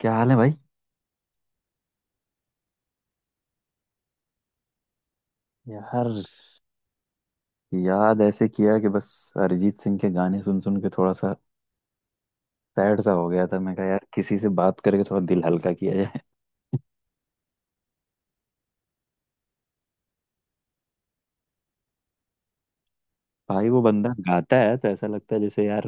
क्या हाल है भाई। यार, याद ऐसे किया कि बस अरिजीत सिंह के गाने सुन सुन के थोड़ा सा सैड सा हो गया था। मैं कहा यार किसी से बात करके थोड़ा दिल हल्का किया जाए। भाई वो बंदा गाता है तो ऐसा लगता है जैसे यार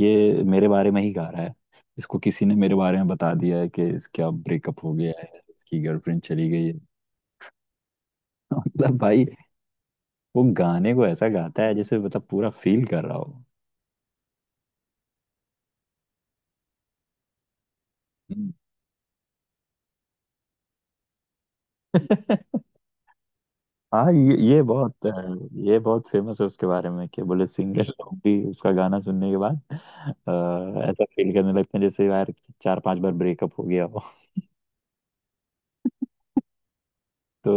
ये मेरे बारे में ही गा रहा है। इसको किसी ने मेरे बारे में बता दिया है कि इसका ब्रेकअप हो गया है, इसकी गर्लफ्रेंड चली गई है। मतलब भाई वो गाने को ऐसा गाता है जैसे मतलब पूरा फील कर रहा हो। हम्म। हाँ, ये बहुत ये बहुत फेमस है उसके बारे में कि बोले सिंगर लोग भी उसका गाना सुनने के बाद ऐसा फील करने लगते हैं जैसे यार चार पांच बार ब्रेकअप हो गया हो। तो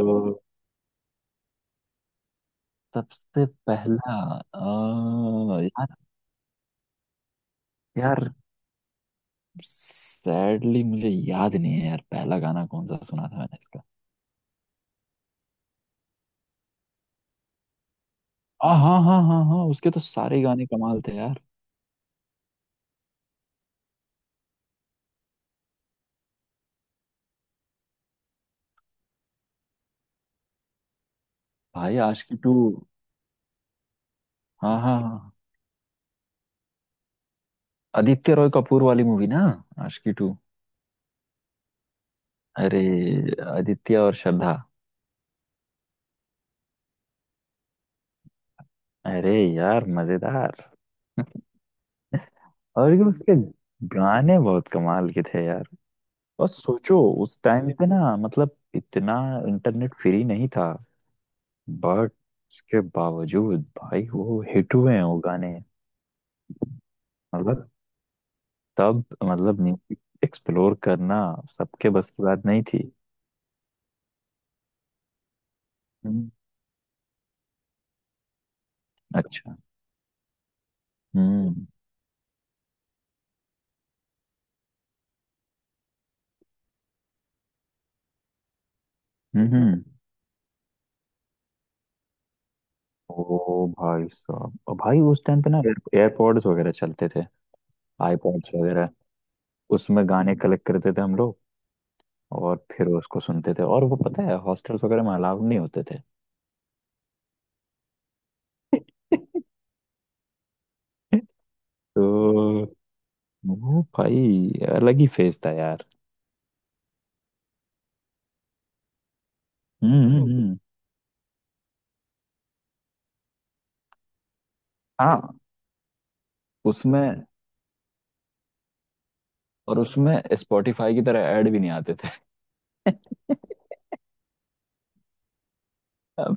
सबसे पहला यार, यार सैडली मुझे याद नहीं है यार पहला गाना कौन सा सुना था मैंने इसका। हाँ हाँ हाँ हाँ, उसके तो सारे गाने कमाल थे यार। भाई आशिकी टू। हाँ हाँ हाँ, आदित्य रॉय कपूर वाली मूवी ना, आशिकी टू। अरे, आदित्य और श्रद्धा। अरे यार मजेदार। और क्या, उसके गाने बहुत कमाल के थे यार। और सोचो, उस टाइम पे ना मतलब इतना इंटरनेट फ्री नहीं था, बट उसके बावजूद भाई वो हिट हुए हैं वो गाने। मतलब तब मतलब म्यूजिक एक्सप्लोर करना सबके बस की बात नहीं थी। हम्म, अच्छा। हम्म हम्म हम्म। ओ भाई साहब, और भाई उस टाइम पे ना एयरपॉड्स वगैरह चलते थे, आईपॉड्स वगैरह। उसमें गाने कलेक्ट करते थे हम लोग और फिर उसको सुनते थे। और वो पता है हॉस्टल्स वगैरह में अलाउड नहीं होते थे। तो वो भाई अलग ही फेज था यार। हम्म हम्म, हम्म। हाँ, उसमें और उसमें स्पॉटिफाई की तरह ऐड भी नहीं आते थे।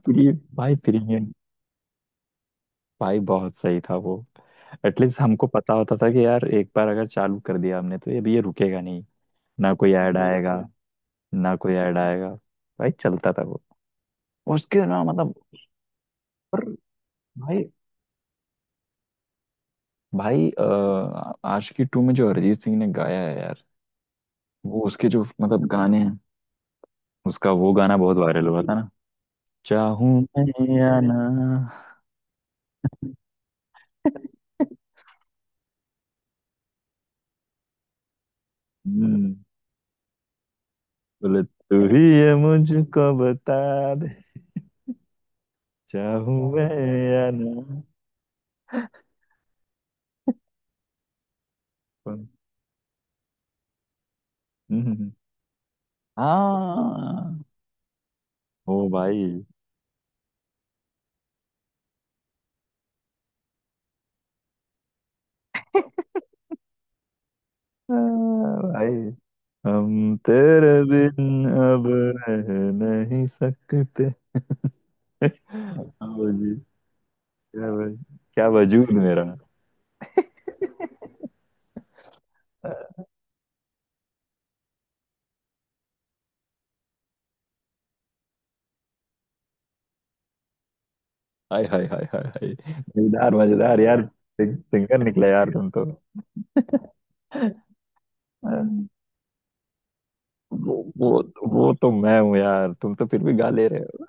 प्री, भाई प्रीमियम, भाई बहुत सही था वो। एटलीस्ट हमको पता होता था कि यार एक बार अगर चालू कर दिया हमने तो ये अभी ये रुकेगा नहीं, ना कोई ऐड आएगा, ना कोई ऐड आएगा। भाई चलता था वो। और उसके ना मतलब। और भाई, भाई, आशिकी टू में जो अरिजीत सिंह ने गाया है यार, वो उसके जो मतलब गाने हैं, उसका वो गाना बहुत वायरल हुआ था ना। चाहूं मैं या ना। हम्म, बोले तू ही ये मुझको बता दे, चाहूं मैं या ना। हम्म, हम्म। हाँ, ओ भाई, भाई हम तेरे बिन अब रह नहीं सकते। आओ क्या भाई, क्या वजूद मेरा। हाय हाय हाय हाय हाय। मजेदार मजेदार यार। सिंगर निकला यार तुम तो। वो, वो तो मैं हूँ यार, तुम तो फिर भी गा ले रहे हो।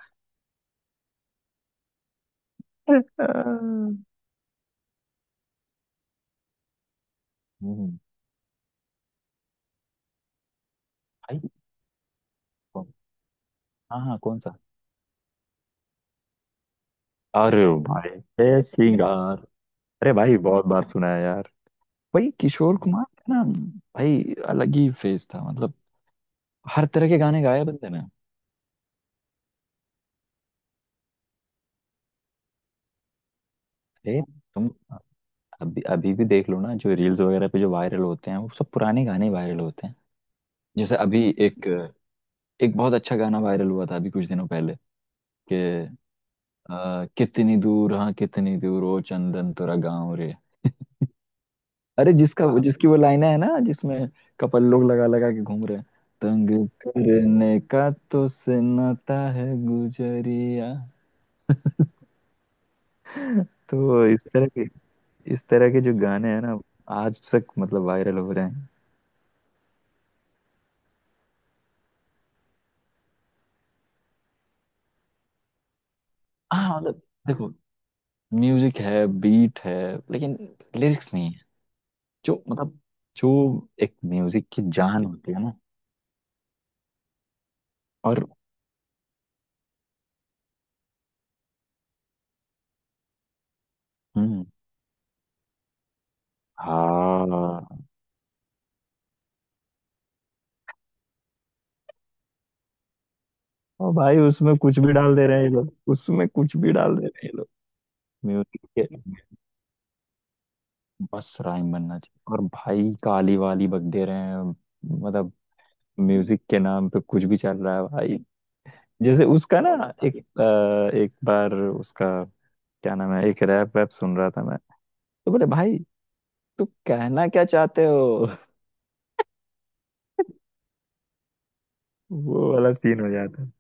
हम्म, भाई कौन-। हाँ हाँ, कौन सा। अरे भाई, ए सिंगार, अरे भाई बहुत बार सुना है यार। भाई किशोर कुमार का ना, भाई अलग ही फेज था, मतलब हर तरह के गाने गाए बंदे ने। अरे तुम, अभी अभी भी देख लो ना जो रील्स वगैरह पे जो वायरल होते हैं वो सब पुराने गाने वायरल होते हैं। जैसे अभी एक, एक बहुत अच्छा गाना वायरल हुआ था अभी कुछ दिनों पहले कि कितनी दूर, हाँ कितनी दूर ओ चंदन तेरा गाँव रे। अरे जिसका, हाँ जिसकी वो लाइन है ना जिसमें कपल लोग लगा लगा के घूम रहे हैं। तंग करने का तो सन्नाटा है गुजरिया। तो इस तरह के, इस तरह के जो गाने हैं ना आज तक मतलब वायरल हो रहे हैं। हाँ मतलब देखो, म्यूजिक है, बीट है, लेकिन लिरिक्स नहीं है। जो मतलब जो एक म्यूजिक की जान होती है ना। और हम्म, हाँ। ओ भाई उसमें कुछ भी डाल दे रहे हैं ये लोग, उसमें कुछ भी डाल दे रहे हैं ये लोग। म्यूजिक के, बस राइम बनना चाहिए और भाई काली वाली बक दे रहे हैं। मतलब म्यूजिक के नाम पे कुछ भी चल रहा है भाई। जैसे उसका ना एक एक बार उसका क्या नाम है, एक रैप वैप सुन रहा था मैं। तो बोले भाई तू कहना क्या चाहते हो। वो वाला सीन हो जाता है।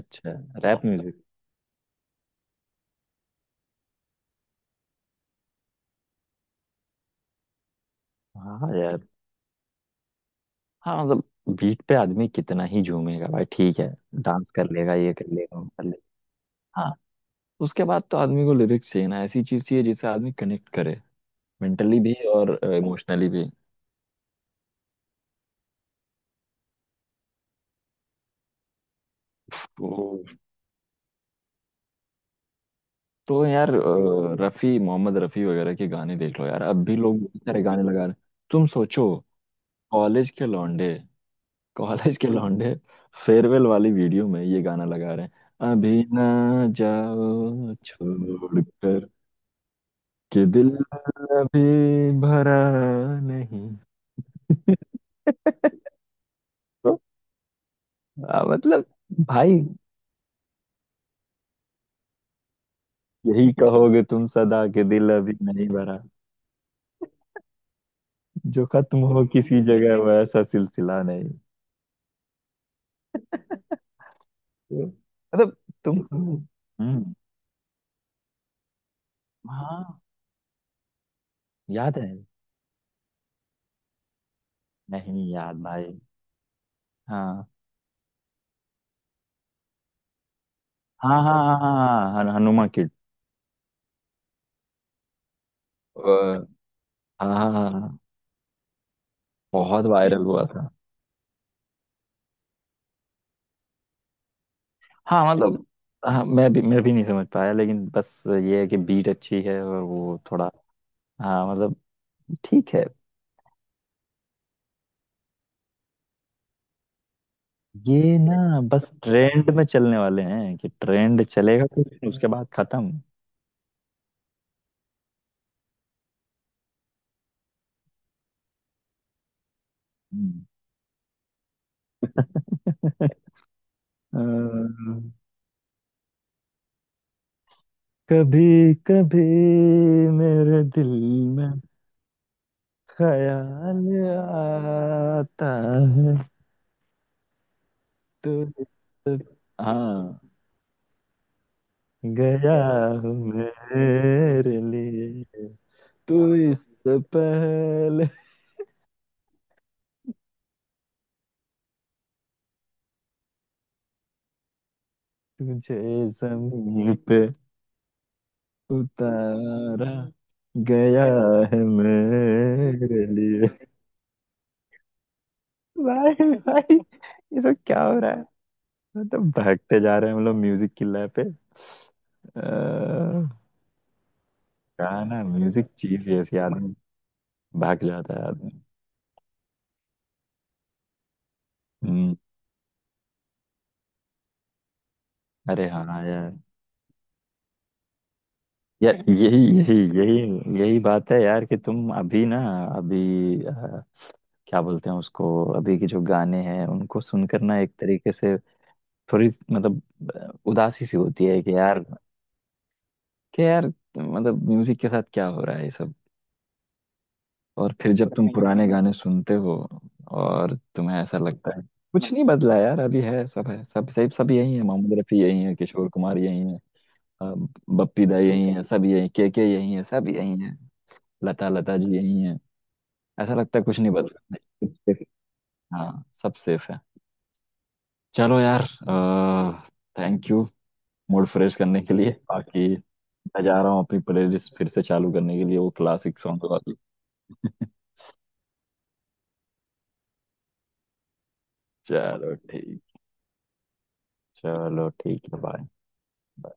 अच्छा, रैप म्यूजिक। हाँ यार, हाँ मतलब बीट पे आदमी कितना ही झूमेगा भाई, ठीक है डांस कर लेगा, ये कर लेगा, वो कर लेगा। हाँ, उसके बाद तो आदमी को लिरिक्स चाहिए ना, ऐसी चीज चाहिए जिससे आदमी कनेक्ट करे, मेंटली भी और इमोशनली भी। तो, तो यार रफी, मोहम्मद रफी वगैरह के गाने देख लो यार अब भी लोग बहुत सारे गाने लगा रहे हैं। तुम सोचो, कॉलेज के लौंडे, कॉलेज के लौंडे फेयरवेल वाली वीडियो में ये गाना लगा रहे हैं अभी ना, जाओ छोड़ कर कि दिल अभी भरा नहीं। तो, मतलब भाई यही कहोगे तुम सदा के, दिल अभी नहीं भरा, जो खत्म हो किसी जगह वो ऐसा सिलसिला नहीं। तो, मतलब तुम। हम्म, हाँ। याद है, नहीं याद भाई। हाँ हाँ हाँ, हाँ हाँ हाँ, हनुमा किड। हाँ बहुत वायरल हुआ था। हाँ मतलब, हाँ मैं भी नहीं समझ पाया, लेकिन बस ये है कि बीट अच्छी है और वो थोड़ा। हाँ मतलब ठीक है, ये ना बस ट्रेंड में चलने वाले हैं कि ट्रेंड चलेगा कुछ उसके बाद खत्म। हम्म। अ, कभी कभी मेरे दिल में ख्याल आता है। तो इस-, हाँ गया हूँ मेरे लिए। तू इससे पहले, तुझे जमीन पे उतारा गया है मेरे लिए। भाई भाई ये सब क्या हो रहा है। मतलब भागते जा रहे हैं हम लोग म्यूजिक की लय पे। अ, गाना म्यूजिक चीज ही ऐसी, आदमी भाग जाता है आदमी। हम्म, अरे हाँ यार, या यही यही यही यही बात है यार कि तुम अभी ना, अभी, क्या बोलते हैं उसको, अभी के जो गाने हैं उनको सुनकर ना एक तरीके से थोड़ी मतलब उदासी सी होती है कि यार, कि यार मतलब म्यूजिक के साथ क्या हो रहा है ये सब। और फिर जब तुम बताइए पुराने गाने सुनते हो और तुम्हें ऐसा लगता है कुछ नहीं बदला यार, अभी है सब, है सब सब सब यही है, मोहम्मद रफी यही है, किशोर कुमार यही है, अ, बप्पी दा यही है सब, यही के यही है सब यही है, लता लता जी यही है। ऐसा लगता है कुछ नहीं बदला, नहीं, सब safe है। हाँ सब सेफ है। चलो यार, थैंक यू मूड फ्रेश करने के लिए। बाकी मैं जा रहा हूँ अपनी प्लेलिस्ट फिर से चालू करने के लिए, वो क्लासिक सॉन्ग वाली। चलो ठीक, चलो ठीक है, बाय। बाय।